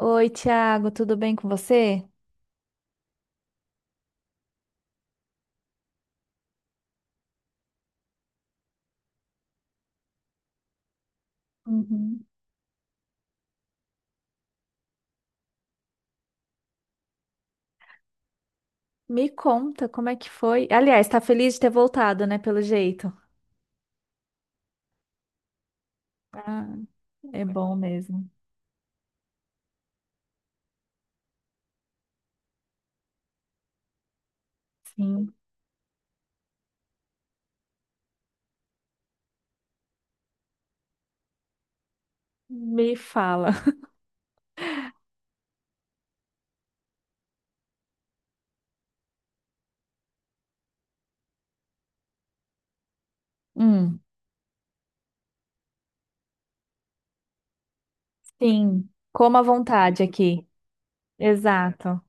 Oi, Thiago, tudo bem com você? Uhum. Me conta como é que foi. Aliás, tá feliz de ter voltado, né? Pelo jeito. Ah, É bom mesmo. Sim. Me fala. Hum, sim. Coma à vontade aqui. Exato.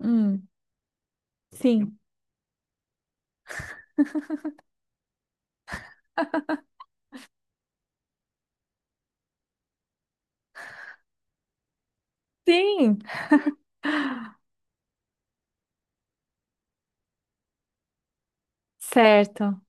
Hum, sim. Sim, certo.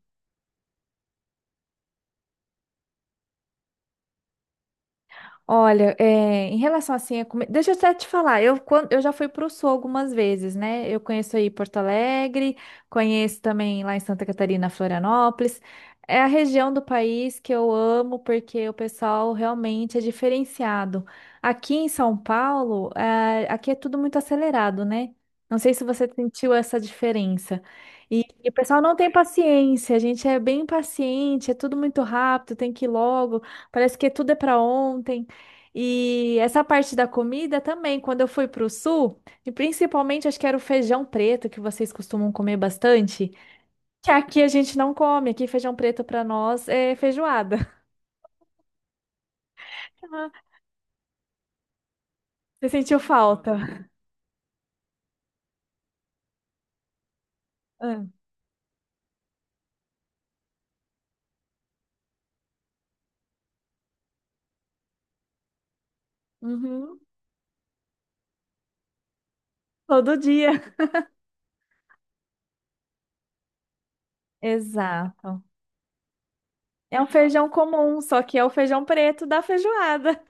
Olha, é, em relação assim, deixa eu até te falar, eu já fui para o Sul algumas vezes, né? Eu conheço aí Porto Alegre, conheço também lá em Santa Catarina, Florianópolis. É a região do país que eu amo porque o pessoal realmente é diferenciado. Aqui em São Paulo, é, aqui é tudo muito acelerado, né? Não sei se você sentiu essa diferença. E o pessoal não tem paciência, a gente é bem impaciente, é tudo muito rápido, tem que ir logo, parece que tudo é para ontem. E essa parte da comida também, quando eu fui para o sul, e principalmente acho que era o feijão preto que vocês costumam comer bastante, que aqui a gente não come, aqui feijão preto para nós é feijoada. Ah, Você sentiu falta? Ah, uhum, Todo dia. Exato. É um feijão comum, só que é o feijão preto da feijoada.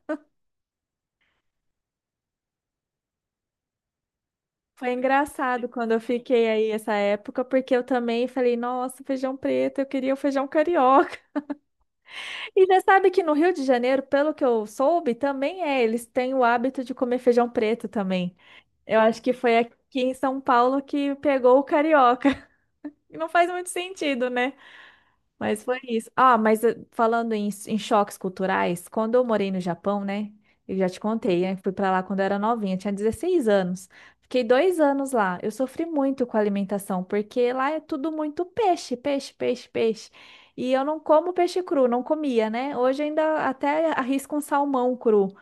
Foi engraçado quando eu fiquei aí essa época, porque eu também falei, nossa, feijão preto, eu queria o feijão carioca. E já sabe que no Rio de Janeiro, pelo que eu soube, também é, eles têm o hábito de comer feijão preto também. Eu acho que foi aqui em São Paulo que pegou o carioca. E não faz muito sentido, né? Mas foi isso. Falando em choques culturais, quando eu morei no Japão, né? Eu já te contei, né? Fui pra lá quando eu era novinha, tinha 16 anos. Fiquei 2 anos lá. Eu sofri muito com a alimentação, porque lá é tudo muito peixe, peixe, peixe, peixe. E eu não como peixe cru, não comia, né? Hoje ainda até arrisco um salmão cru,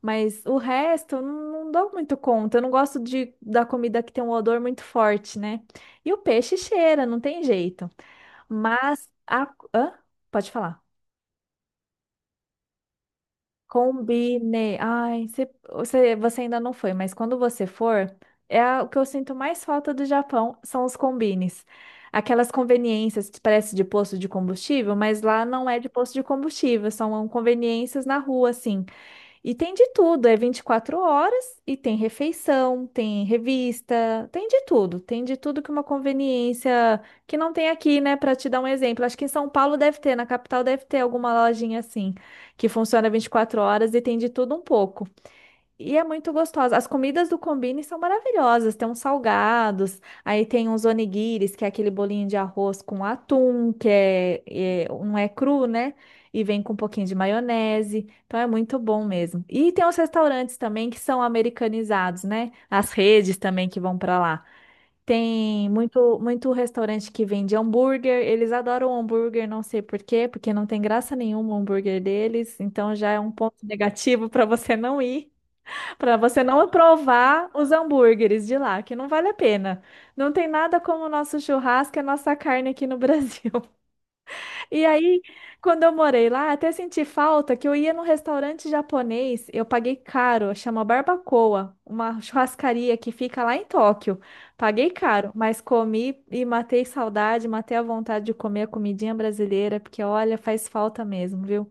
mas o resto eu não dou muito conta. Eu não gosto de, da comida que tem um odor muito forte, né? E o peixe cheira, não tem jeito. Mas a... Hã? Pode falar. Combinei. Você, você ainda não foi, mas quando você for, o que eu sinto mais falta do Japão são os combines. Aquelas conveniências que parece de posto de combustível, mas lá não é de posto de combustível, são conveniências na rua, assim. E tem de tudo, é 24 horas e tem refeição, tem revista, tem de tudo que uma conveniência que não tem aqui, né? Para te dar um exemplo, acho que em São Paulo deve ter, na capital deve ter alguma lojinha assim, que funciona 24 horas e tem de tudo um pouco. E é muito gostosa. As comidas do Combini são maravilhosas. Tem uns salgados, aí tem uns onigiris, que é aquele bolinho de arroz com atum, que não é cru, né? E vem com um pouquinho de maionese. Então é muito bom mesmo. E tem os restaurantes também que são americanizados, né? As redes também que vão para lá. Tem muito restaurante que vende hambúrguer. Eles adoram hambúrguer, não sei por quê, porque não tem graça nenhuma o hambúrguer deles. Então já é um ponto negativo para você não ir. Para você não provar os hambúrgueres de lá, que não vale a pena. Não tem nada como o nosso churrasco e a nossa carne aqui no Brasil. E aí, quando eu morei lá, até senti falta que eu ia num restaurante japonês, eu paguei caro, chama Barbacoa, uma churrascaria que fica lá em Tóquio. Paguei caro, mas comi e matei saudade, matei a vontade de comer a comidinha brasileira, porque olha, faz falta mesmo, viu?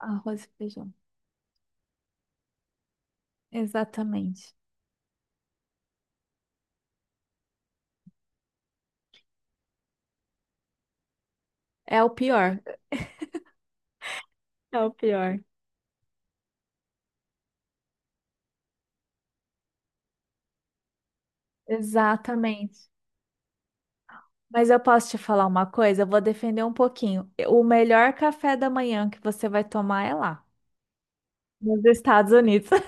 Arroz e feijão. Exatamente. É o pior. É o pior. Exatamente. Mas eu posso te falar uma coisa? Eu vou defender um pouquinho. O melhor café da manhã que você vai tomar é lá, nos Estados Unidos.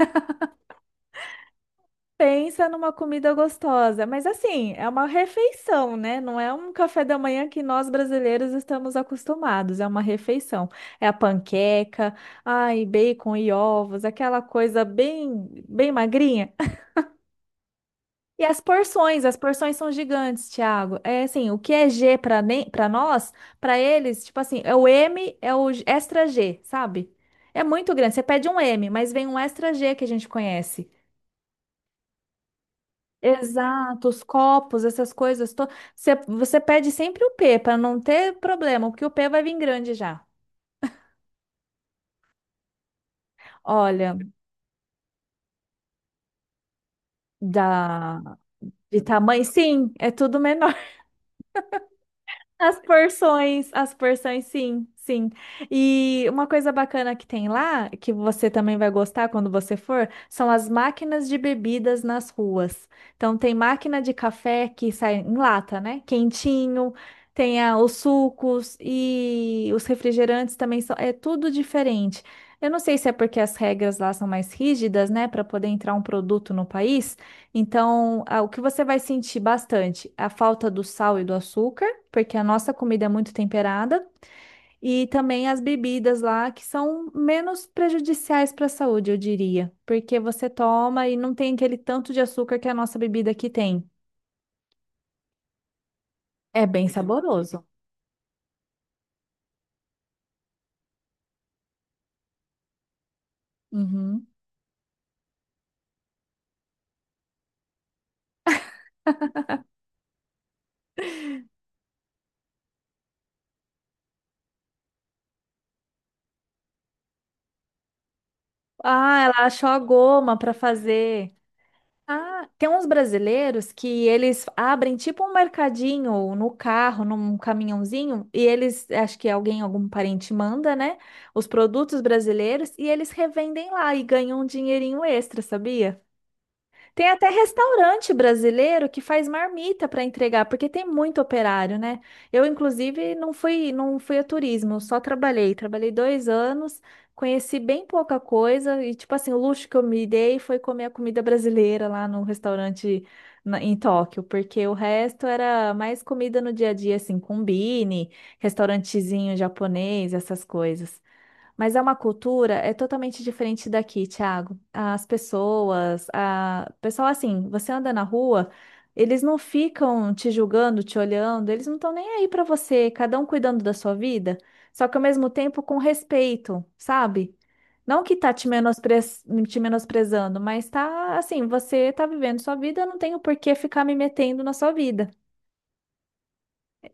Pensa numa comida gostosa, mas assim, é uma refeição, né? Não é um café da manhã que nós brasileiros estamos acostumados, é uma refeição. É a panqueca, ai, bacon e ovos, aquela coisa bem magrinha. E as porções são gigantes, Thiago. É assim, o que é G para nem para nós, para eles, tipo assim, é o M, é o extra G, sabe? É muito grande. Você pede um M, mas vem um extra G que a gente conhece. Exato, os copos, essas coisas. Você pede sempre o P para não ter problema, porque o P vai vir grande já. Olha, da de tamanho, sim, é tudo menor. As porções, sim. E uma coisa bacana que tem lá, que você também vai gostar quando você for, são as máquinas de bebidas nas ruas. Então tem máquina de café que sai em lata, né? Quentinho, os sucos e os refrigerantes também são, é tudo diferente. Eu não sei se é porque as regras lá são mais rígidas, né, para poder entrar um produto no país. Então, ah, o que você vai sentir bastante? A falta do sal e do açúcar porque a nossa comida é muito temperada, e também as bebidas lá que são menos prejudiciais para a saúde, eu diria, porque você toma e não tem aquele tanto de açúcar que a nossa bebida aqui tem. É bem saboroso. Uhum. Ah, ela achou a goma para fazer. Ah, tem uns brasileiros que eles abrem tipo um mercadinho no carro, num caminhãozinho, e eles, acho que alguém, algum parente manda, né? Os produtos brasileiros e eles revendem lá e ganham um dinheirinho extra, sabia? Tem até restaurante brasileiro que faz marmita para entregar, porque tem muito operário, né? Eu, inclusive, não fui a turismo, só trabalhei. Trabalhei 2 anos, conheci bem pouca coisa, e, tipo assim, o luxo que eu me dei foi comer a comida brasileira lá no restaurante em Tóquio, porque o resto era mais comida no dia a dia, assim, combine, restaurantezinho japonês, essas coisas. Mas é uma cultura, é totalmente diferente daqui, Thiago. Pessoal, assim, você anda na rua, eles não ficam te julgando, te olhando, eles não estão nem aí pra você, cada um cuidando da sua vida, só que ao mesmo tempo com respeito, sabe? Não que tá te menospre... te menosprezando, mas tá assim, você tá vivendo sua vida, eu não tenho por que ficar me metendo na sua vida.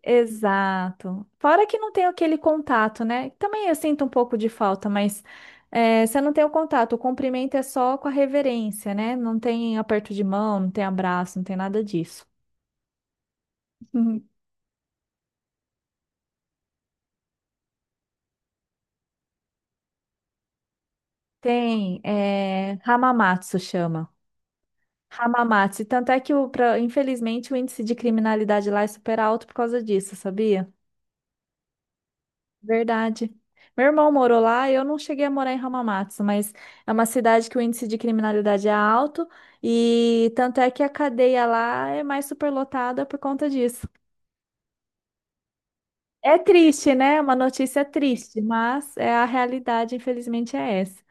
Exato. Fora que não tem aquele contato, né? Também eu sinto um pouco de falta, mas é, você não tem o contato. O cumprimento é só com a reverência, né? Não tem aperto de mão, não tem abraço, não tem nada disso. Uhum. Tem, é, Hamamatsu chama. Hamamatsu. E Tanto é que, o, pra- infelizmente, o índice de criminalidade lá é super alto por causa disso, sabia? Verdade. Meu irmão morou lá, eu não cheguei a morar em Hamamatsu, mas é uma cidade que o índice de criminalidade é alto e tanto é que a cadeia lá é mais superlotada por conta disso. É triste, né? Uma notícia triste, mas é a realidade, infelizmente, é essa.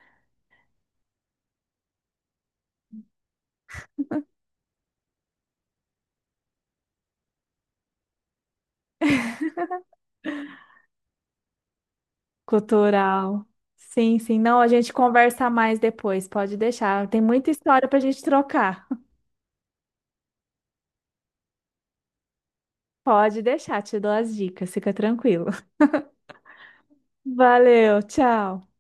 Cultural. Sim, sim. Não, a gente conversa mais depois, pode deixar. Tem muita história pra gente trocar. Pode deixar, te dou as dicas, fica tranquilo. Valeu, tchau.